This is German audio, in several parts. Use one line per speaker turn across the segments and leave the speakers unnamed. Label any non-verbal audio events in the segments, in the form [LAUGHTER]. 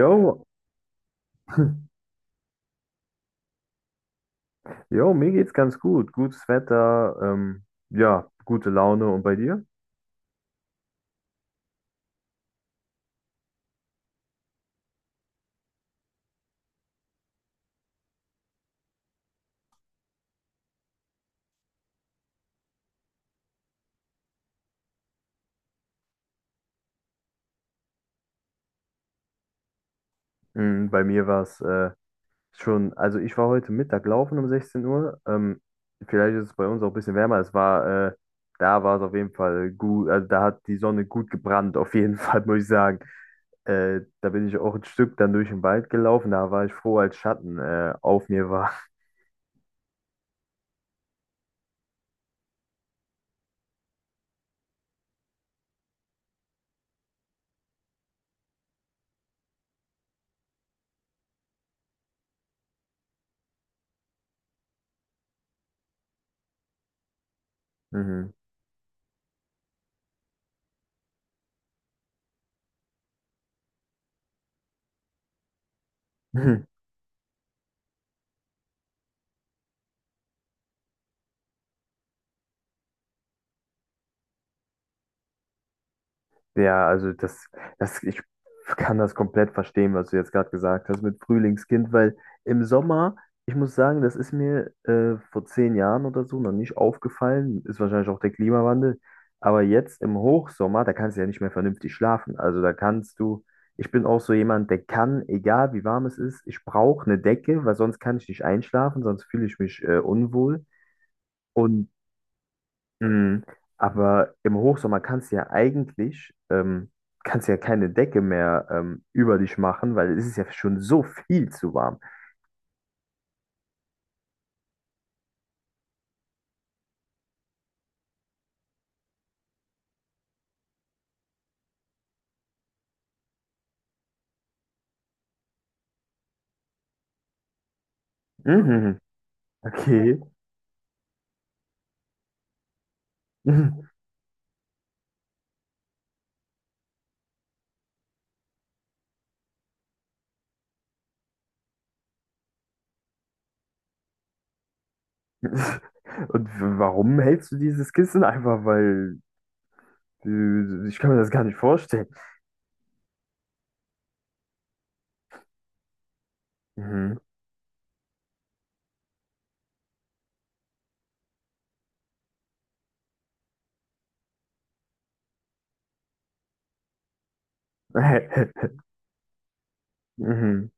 Jo, jo, mir geht's ganz gut. Gutes Wetter, ja, gute Laune. Und bei dir? Bei mir war es schon, also ich war heute Mittag laufen um 16 Uhr. Vielleicht ist es bei uns auch ein bisschen wärmer. Da war es auf jeden Fall gut, also da hat die Sonne gut gebrannt, auf jeden [LAUGHS] Fall, muss ich sagen. Da bin ich auch ein Stück dann durch den Wald gelaufen. Da war ich froh, als Schatten auf mir war. [LAUGHS] Mhm. [LAUGHS] Ja, also ich kann das komplett verstehen, was du jetzt gerade gesagt hast mit Frühlingskind, weil im Sommer, ich muss sagen, das ist mir vor 10 Jahren oder so noch nicht aufgefallen, ist wahrscheinlich auch der Klimawandel, aber jetzt im Hochsommer, da kannst du ja nicht mehr vernünftig schlafen. Also da kannst du, ich bin auch so jemand, der kann, egal wie warm es ist, ich brauche eine Decke, weil sonst kann ich nicht einschlafen, sonst fühle ich mich unwohl. Und Mhm. Aber im Hochsommer kannst du ja eigentlich, kannst ja keine Decke mehr über dich machen, weil es ist ja schon so viel zu warm. Mhm. Okay. Mhm. [LAUGHS] Und warum hältst du dieses Kissen? Einfach weil ich kann mir das gar nicht vorstellen. Mhm. [LAUGHS] Mhm.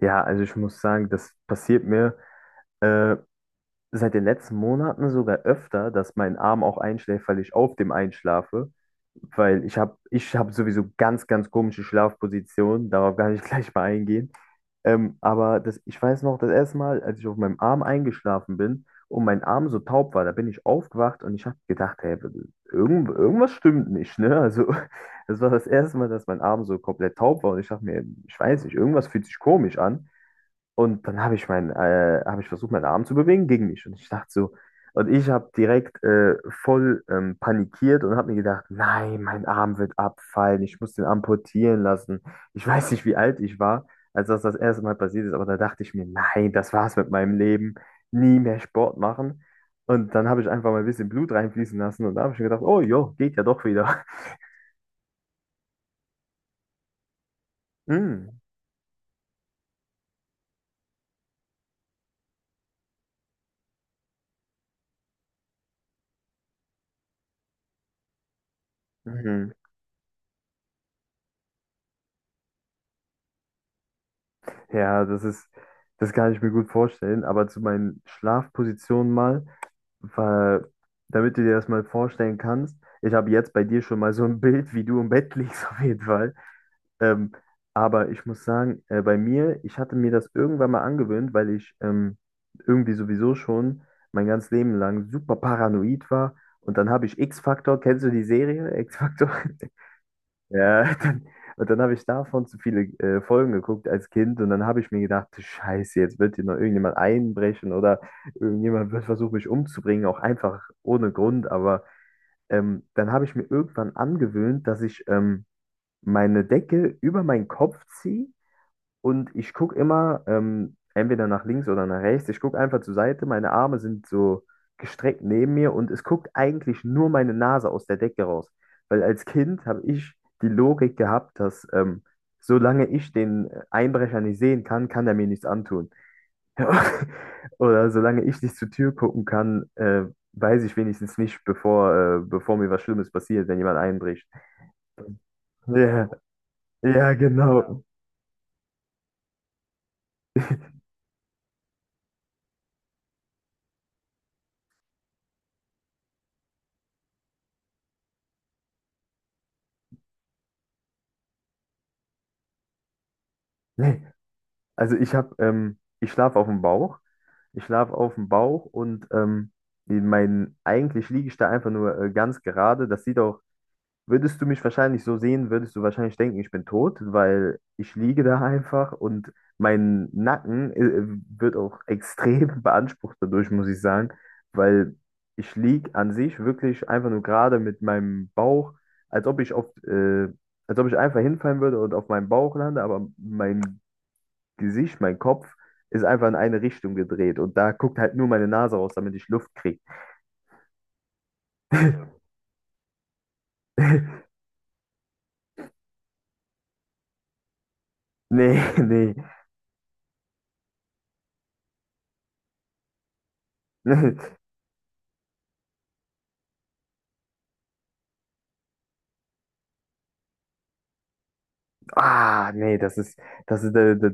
Ja, also ich muss sagen, das passiert mir äh, seit den letzten Monaten sogar öfter, dass mein Arm auch einschläft, weil ich auf dem einschlafe. Weil ich hab sowieso ganz, ganz komische Schlafpositionen, darauf kann ich [LAUGHS] gleich mal eingehen. Aber ich weiß noch, das erste Mal, als ich auf meinem Arm eingeschlafen bin und mein Arm so taub war, da bin ich aufgewacht und ich habe gedacht, hey, irgendwas stimmt nicht, ne? Also, [LAUGHS] das war das erste Mal, dass mein Arm so komplett taub war und ich dachte mir, ich weiß nicht, irgendwas fühlt sich komisch an. Und dann habe ich versucht, meinen Arm zu bewegen gegen mich. Und ich dachte so, und ich habe direkt voll panikiert und habe mir gedacht, nein, mein Arm wird abfallen, ich muss den amputieren lassen. Ich weiß nicht, wie alt ich war, als das das erste Mal passiert ist, aber da dachte ich mir, nein, das war's mit meinem Leben, nie mehr Sport machen. Und dann habe ich einfach mal ein bisschen Blut reinfließen lassen und da habe ich mir gedacht, oh jo, geht ja doch wieder. [LAUGHS] Mm, mhm. Ja, das kann ich mir gut vorstellen, aber zu meinen Schlafpositionen mal. Weil, damit du dir das mal vorstellen kannst, ich habe jetzt bei dir schon mal so ein Bild, wie du im Bett liegst, [LAUGHS] auf jeden Fall. Ähm, aber ich muss sagen, bei mir, ich hatte mir das irgendwann mal angewöhnt, weil ich irgendwie sowieso schon mein ganzes Leben lang super paranoid war. Und dann habe ich X-Factor, kennst du die Serie X-Factor? [LAUGHS] Ja, [LAUGHS] und dann habe ich davon zu viele Folgen geguckt als Kind und dann habe ich mir gedacht, Scheiße, jetzt wird hier noch irgendjemand einbrechen oder irgendjemand wird versuchen, mich umzubringen, auch einfach ohne Grund. Aber dann habe ich mir irgendwann angewöhnt, dass ich meine Decke über meinen Kopf ziehe und ich gucke immer entweder nach links oder nach rechts. Ich gucke einfach zur Seite. Meine Arme sind so gestreckt neben mir und es guckt eigentlich nur meine Nase aus der Decke raus. Weil als Kind habe ich die Logik gehabt, dass solange ich den Einbrecher nicht sehen kann, kann er mir nichts antun. [LAUGHS] Oder solange ich nicht zur Tür gucken kann, weiß ich wenigstens nicht, bevor mir was Schlimmes passiert, wenn jemand einbricht. Ja, ja, genau. Also ich schlafe auf dem Bauch. Ich schlafe auf dem Bauch und eigentlich liege ich da einfach nur ganz gerade. Würdest du mich wahrscheinlich so sehen, würdest du wahrscheinlich denken, ich bin tot, weil ich liege da [LAUGHS] einfach und mein Nacken wird auch extrem [LAUGHS] beansprucht dadurch, muss ich sagen, weil ich liege an sich wirklich einfach nur gerade mit meinem Bauch, als ob ich auf, äh, als ob ich einfach hinfallen würde und auf meinem Bauch lande, aber mein Gesicht, mein Kopf ist einfach in eine Richtung gedreht und da guckt halt nur meine Nase raus, damit ich Luft kriege. [LAUGHS] Nee, nee. [LAUGHS] Ah, nee, das ist, äh, das,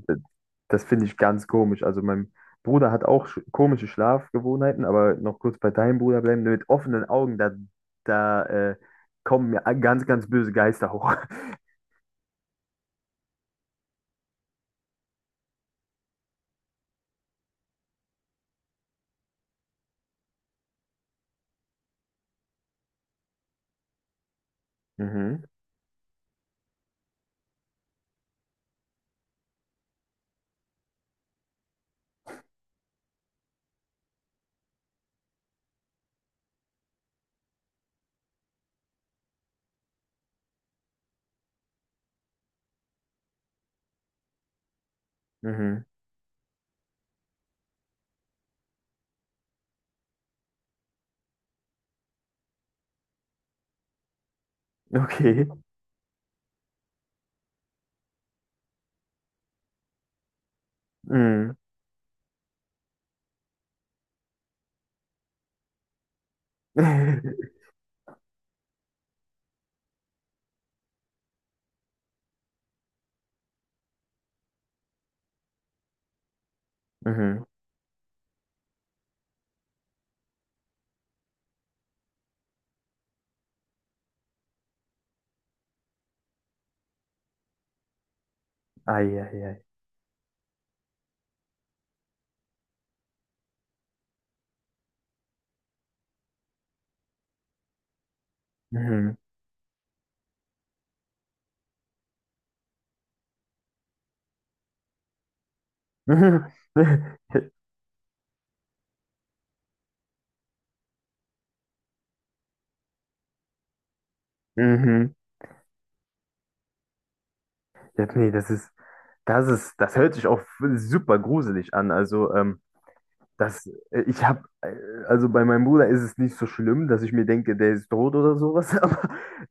das finde ich ganz komisch. Also mein Bruder hat auch komische Schlafgewohnheiten, aber noch kurz bei deinem Bruder bleiben, mit offenen Augen, da äh, kommen mir ganz, ganz böse Geister hoch. [LAUGHS] Mhm, mhm, okay. Mhm. [LAUGHS] Mhm. Ei, ei, ei. Mhm. [LAUGHS] Mhm. Ja, nee, das hört sich auch super gruselig an. Also, das, äh, ich habe, also bei meinem Bruder ist es nicht so schlimm, dass ich mir denke, der ist tot oder sowas, [LAUGHS] aber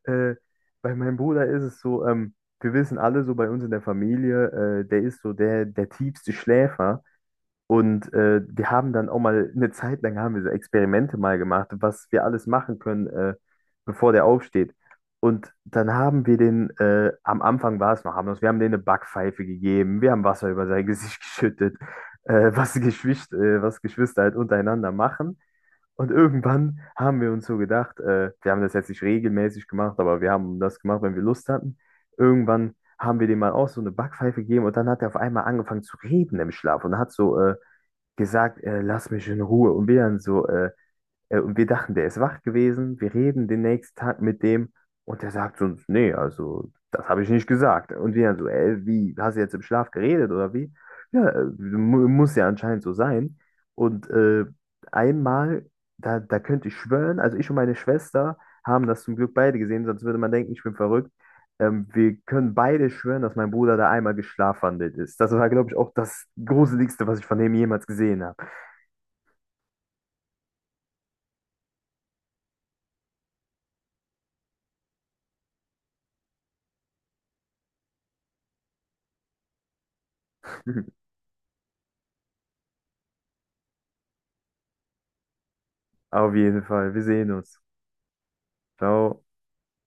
äh, bei meinem Bruder ist es so, wir wissen alle so bei uns in der Familie, der ist so der tiefste Schläfer. Und wir haben dann auch mal eine Zeit lang haben wir so Experimente mal gemacht, was wir alles machen können, bevor der aufsteht. Und dann haben wir den, Am Anfang war es noch harmlos, wir haben denen eine Backpfeife gegeben, wir haben Wasser über sein Gesicht [LAUGHS] geschüttet, was Geschwister halt untereinander machen. Und irgendwann haben wir uns so gedacht, wir haben das jetzt nicht regelmäßig gemacht, aber wir haben das gemacht, wenn wir Lust hatten. Irgendwann haben wir dem mal auch so eine Backpfeife gegeben und dann hat er auf einmal angefangen zu reden im Schlaf und hat so gesagt, lass mich in Ruhe. Und wir dann so, und wir dachten, der ist wach gewesen, wir reden den nächsten Tag mit dem und der sagt zu uns, nee, also das habe ich nicht gesagt. Und wir dann so, ey, wie, hast du jetzt im Schlaf geredet oder wie? Ja, mu muss ja anscheinend so sein. Und einmal, da könnte ich schwören, also ich und meine Schwester haben das zum Glück beide gesehen, sonst würde man denken, ich bin verrückt. Wir können beide schwören, dass mein Bruder da einmal geschlafwandelt ist. Das war, glaube ich, auch das Gruseligste, was ich von dem jemals gesehen habe. [LAUGHS] Auf jeden Fall. Wir sehen uns. Ciao.